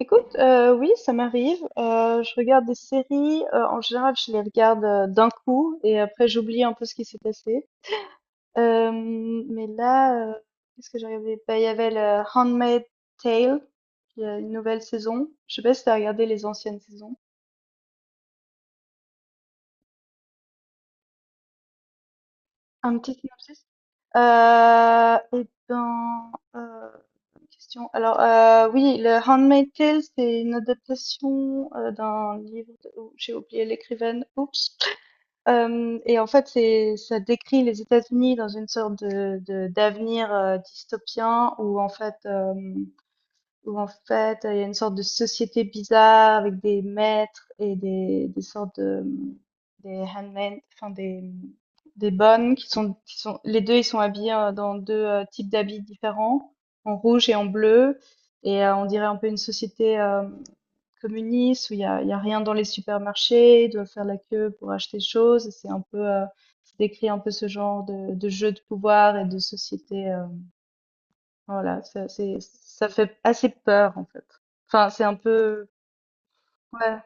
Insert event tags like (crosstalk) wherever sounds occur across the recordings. Écoute, oui, ça m'arrive. Je regarde des séries. En général, je les regarde d'un coup et après j'oublie un peu ce qui s'est passé. Euh, mais là, euh, Qu'est-ce que j'ai regardé? Bah, il y avait le Handmaid's Tale. Il y a une nouvelle saison. Je sais pas si t'as regardé les anciennes saisons. Un petit synopsis. Euh, et ben, euh, Bonne question. Alors, oui, le Handmaid's Tale, c'est une adaptation d'un livre. Oh, j'ai oublié l'écrivaine. Oups. Hem Et en fait, c'est ça décrit les États-Unis dans une sorte de d'avenir, dystopien où en fait, où en fait, il y a une sorte de société bizarre avec des maîtres et des sortes de, des handmade, enfin des bonnes qui sont, les deux, ils sont habillés dans deux types d'habits différents, en rouge et en bleu. Et on dirait un peu une société communiste où il y a rien dans les supermarchés, ils doivent faire la queue pour acheter des choses. C'est un peu, ça décrit un peu ce genre de jeu de pouvoir et de société. Voilà, ça fait assez peur en fait. Enfin, c'est un peu, ouais,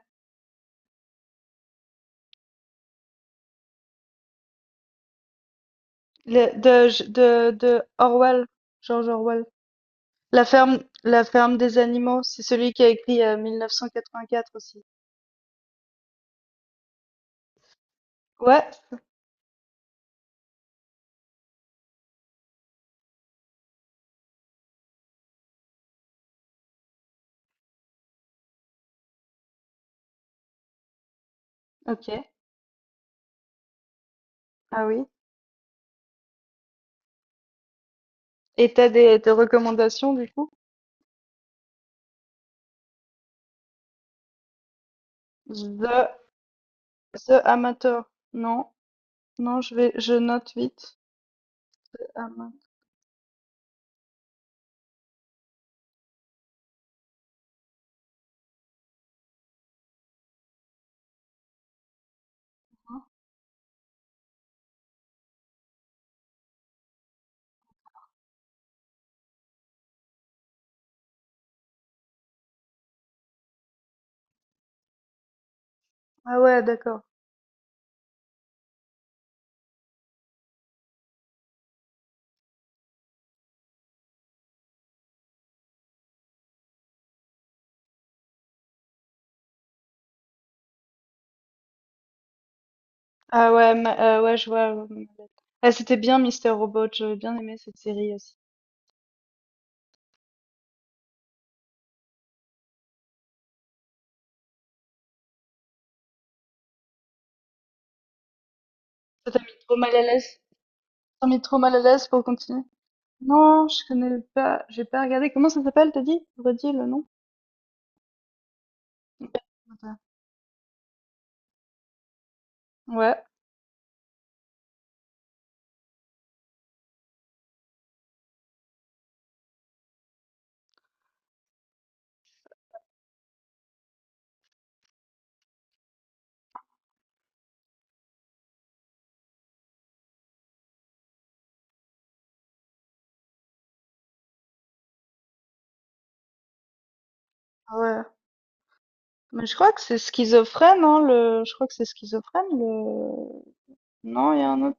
de, de Orwell, George Orwell. La ferme des animaux, c'est celui qui a écrit 1984 aussi. Ouais, ok. Ah oui. Et t'as des recommandations du coup? The, The Amateur. Non, non, je vais, je note vite. Ama- Ah ouais, d'accord. Ouais, je vois. Ouais. Ah, c'était bien, Mister Robot. J'avais bien aimé cette série aussi. Ça t'a mis trop mal à l'aise. T'as mis trop mal à l'aise pour continuer? Non, je connais pas. J'ai pas regardé. Comment ça s'appelle, t'as dit? Redis le nom. Ouais. Ah ouais. Mais je crois que c'est schizophrène, hein, le… Je crois que c'est schizophrène, le… Non, il y a un autre…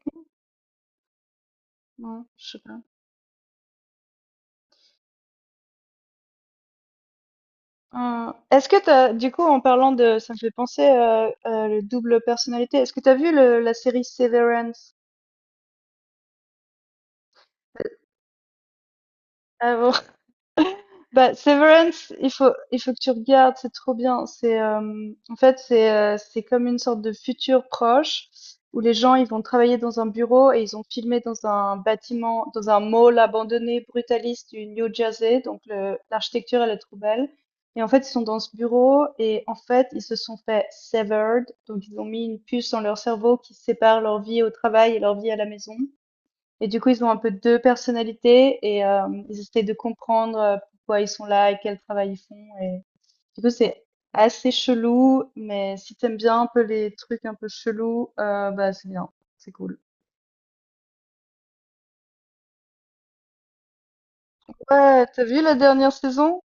nom, non, je sais pas. Est-ce que t'as… Du coup, en parlant de… Ça me fait penser à le double personnalité. Est-ce que t'as vu la série Severance? Euh, Ah bon. Bah, Severance, il faut que tu regardes, c'est trop bien. C'est, en fait, c'est, C'est comme une sorte de futur proche où les gens, ils vont travailler dans un bureau et ils ont filmé dans un bâtiment, dans un mall abandonné brutaliste du New Jersey. Donc, l'architecture, elle est trop belle. Et en fait, ils sont dans ce bureau et en fait, ils se sont fait severed. Donc, ils ont mis une puce dans leur cerveau qui sépare leur vie au travail et leur vie à la maison. Et du coup, ils ont un peu 2 personnalités et ils essaient de comprendre, pourquoi ils sont là et quel travail ils font et du coup, c'est assez chelou, mais si t'aimes bien un peu les trucs un peu chelous, bah, c'est bien, c'est cool. Ouais, t'as vu la dernière saison?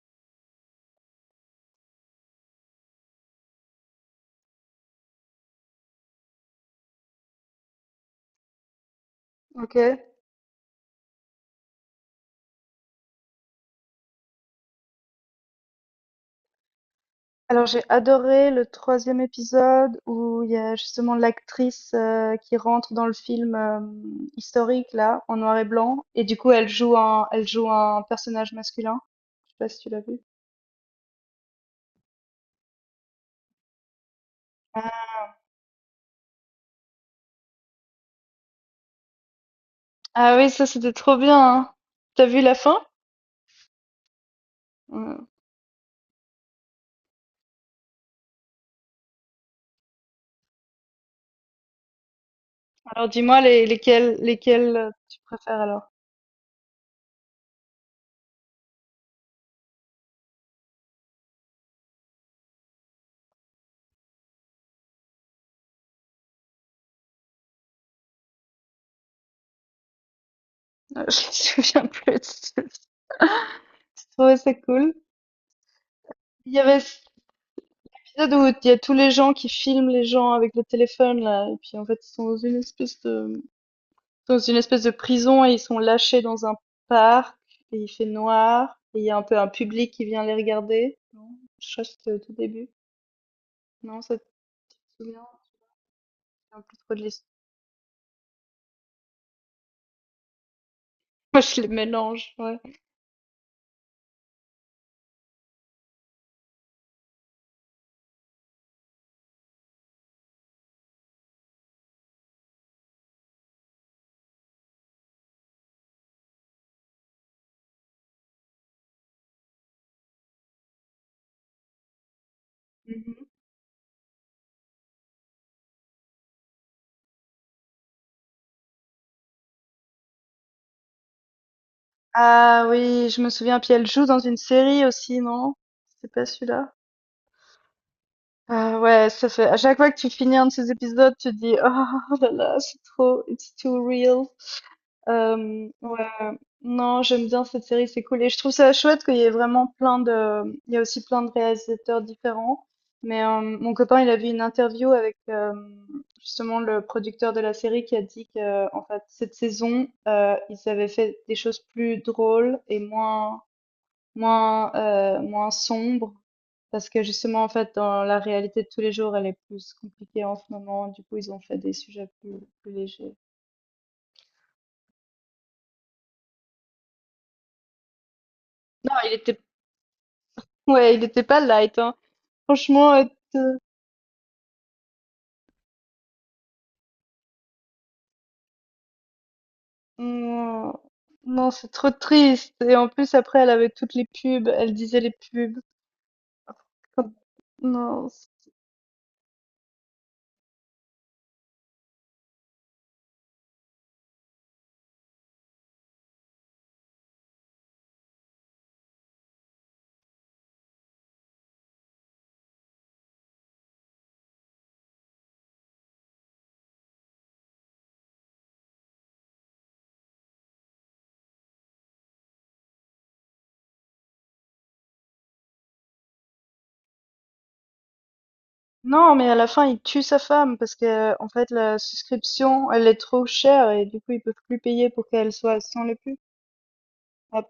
OK. Alors j'ai adoré le troisième épisode où il y a justement l'actrice, qui rentre dans le film, historique là, en noir et blanc et du coup elle joue un personnage masculin. Je sais pas si tu l'as vu? Ah oui, ça c'était trop bien, hein. T'as vu la fin? Hmm. Alors dis-moi lesquels tu préfères alors? (laughs) Je me souviens plus. (laughs) Je trouvais ça cool. Il y avait cet épisode où il y a tous les gens qui filment les gens avec le téléphone là, et puis en fait ils sont dans une espèce de prison et ils sont lâchés dans un parc et il fait noir et il y a un peu un public qui vient les regarder. Non, je crois que c'était au tout début. Non, ça te souvient? Je me souviens plus trop de l'histoire. (laughs) Moi, je les mélange, ouais. Mmh. Ah oui, je me souviens, puis elle joue dans une série aussi, non? C'est pas celui-là? Ah ouais, ça fait à chaque fois que tu finis un de ces épisodes, tu te dis: «Oh là là, c'est trop it's too real». Ouais, non, j'aime bien cette série, c'est cool. Et je trouve ça chouette qu'il y ait vraiment plein de… Il y a aussi plein de réalisateurs différents. Mais mon copain, il a vu une interview avec justement le producteur de la série qui a dit que, en fait, cette saison, ils avaient fait des choses plus drôles et moins, moins sombres. Parce que justement, en fait, dans la réalité de tous les jours, elle est plus compliquée en ce moment. Du coup, ils ont fait des sujets plus, plus légers. Non, il était, ouais, il était pas light, hein. Franchement, non, non, c'est trop triste et en plus après elle avait toutes les pubs, elle disait les pubs. Quand non, c non, mais à la fin, il tue sa femme parce qu'en fait la souscription, elle est trop chère et du coup, ils peuvent plus payer pour qu'elle soit sans les pubs. Ah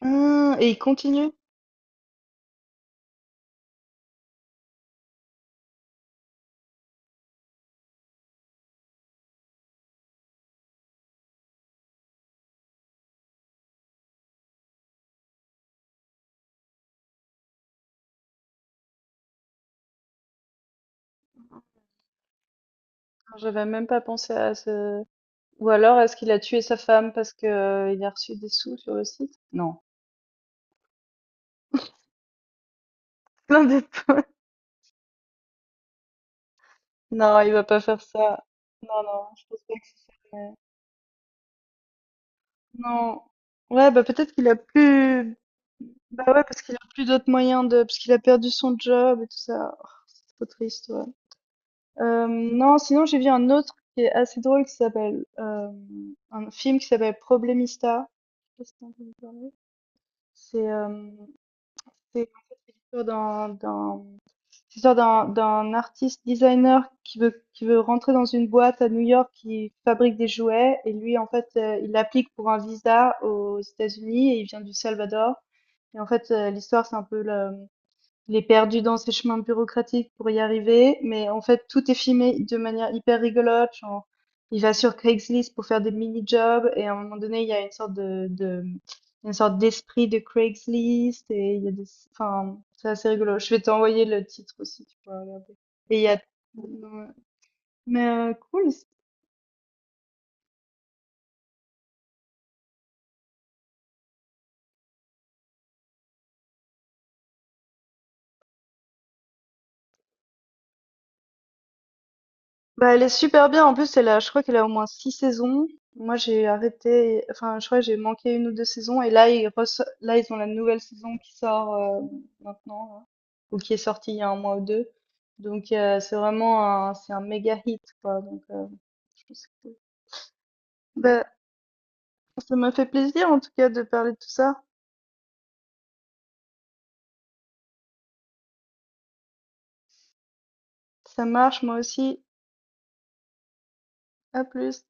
ah et il continue? J'avais même pas pensé à ce Ou alors est-ce qu'il a tué sa femme parce qu'il a reçu des sous sur le site? Non. Plein de (laughs) po non, il va pas faire ça. Non, non, je pense pas que c'est non. Ouais, bah peut-être qu'il a plus. Bah ouais, parce qu'il a plus d'autres moyens de. Parce qu'il a perdu son job et tout ça. Oh, c'est trop triste, ouais. Non, sinon j'ai vu un autre qui est assez drôle qui s'appelle. Un film qui s'appelle Problemista. Je sais pas si t'as entendu parler. C'est euh, c'est En fait, c'est l'histoire d'un d'un c'est l'histoire d'un, d'un artiste designer qui veut rentrer dans une boîte à New York qui fabrique des jouets. Et lui, en fait, il applique pour un visa aux États-Unis et il vient du Salvador. Et en fait, l'histoire, c'est un peu le, il est perdu dans ses chemins bureaucratiques pour y arriver, mais en fait, tout est filmé de manière hyper rigolote. Genre, il va sur Craigslist pour faire des mini-jobs et à un moment donné, il y a une sorte de une sorte d'esprit de Craigslist et il y a des, enfin, c'est assez rigolo. Je vais t'envoyer le titre aussi, tu pourras regarder. Et il y a, Ouais. Mais cool. Bah, elle est super bien. En plus, elle a, je crois qu'elle a au moins 6 saisons. Moi, j'ai arrêté, enfin, je crois que j'ai manqué une ou deux saisons. Et là, là, ils ont la nouvelle saison qui sort maintenant, là, ou qui est sortie il y a un mois ou deux. Donc, c'est un méga hit, quoi. Donc, je pense que… Bah, ça m'a fait plaisir, en tout cas, de parler de tout ça. Ça marche, moi aussi. À plus.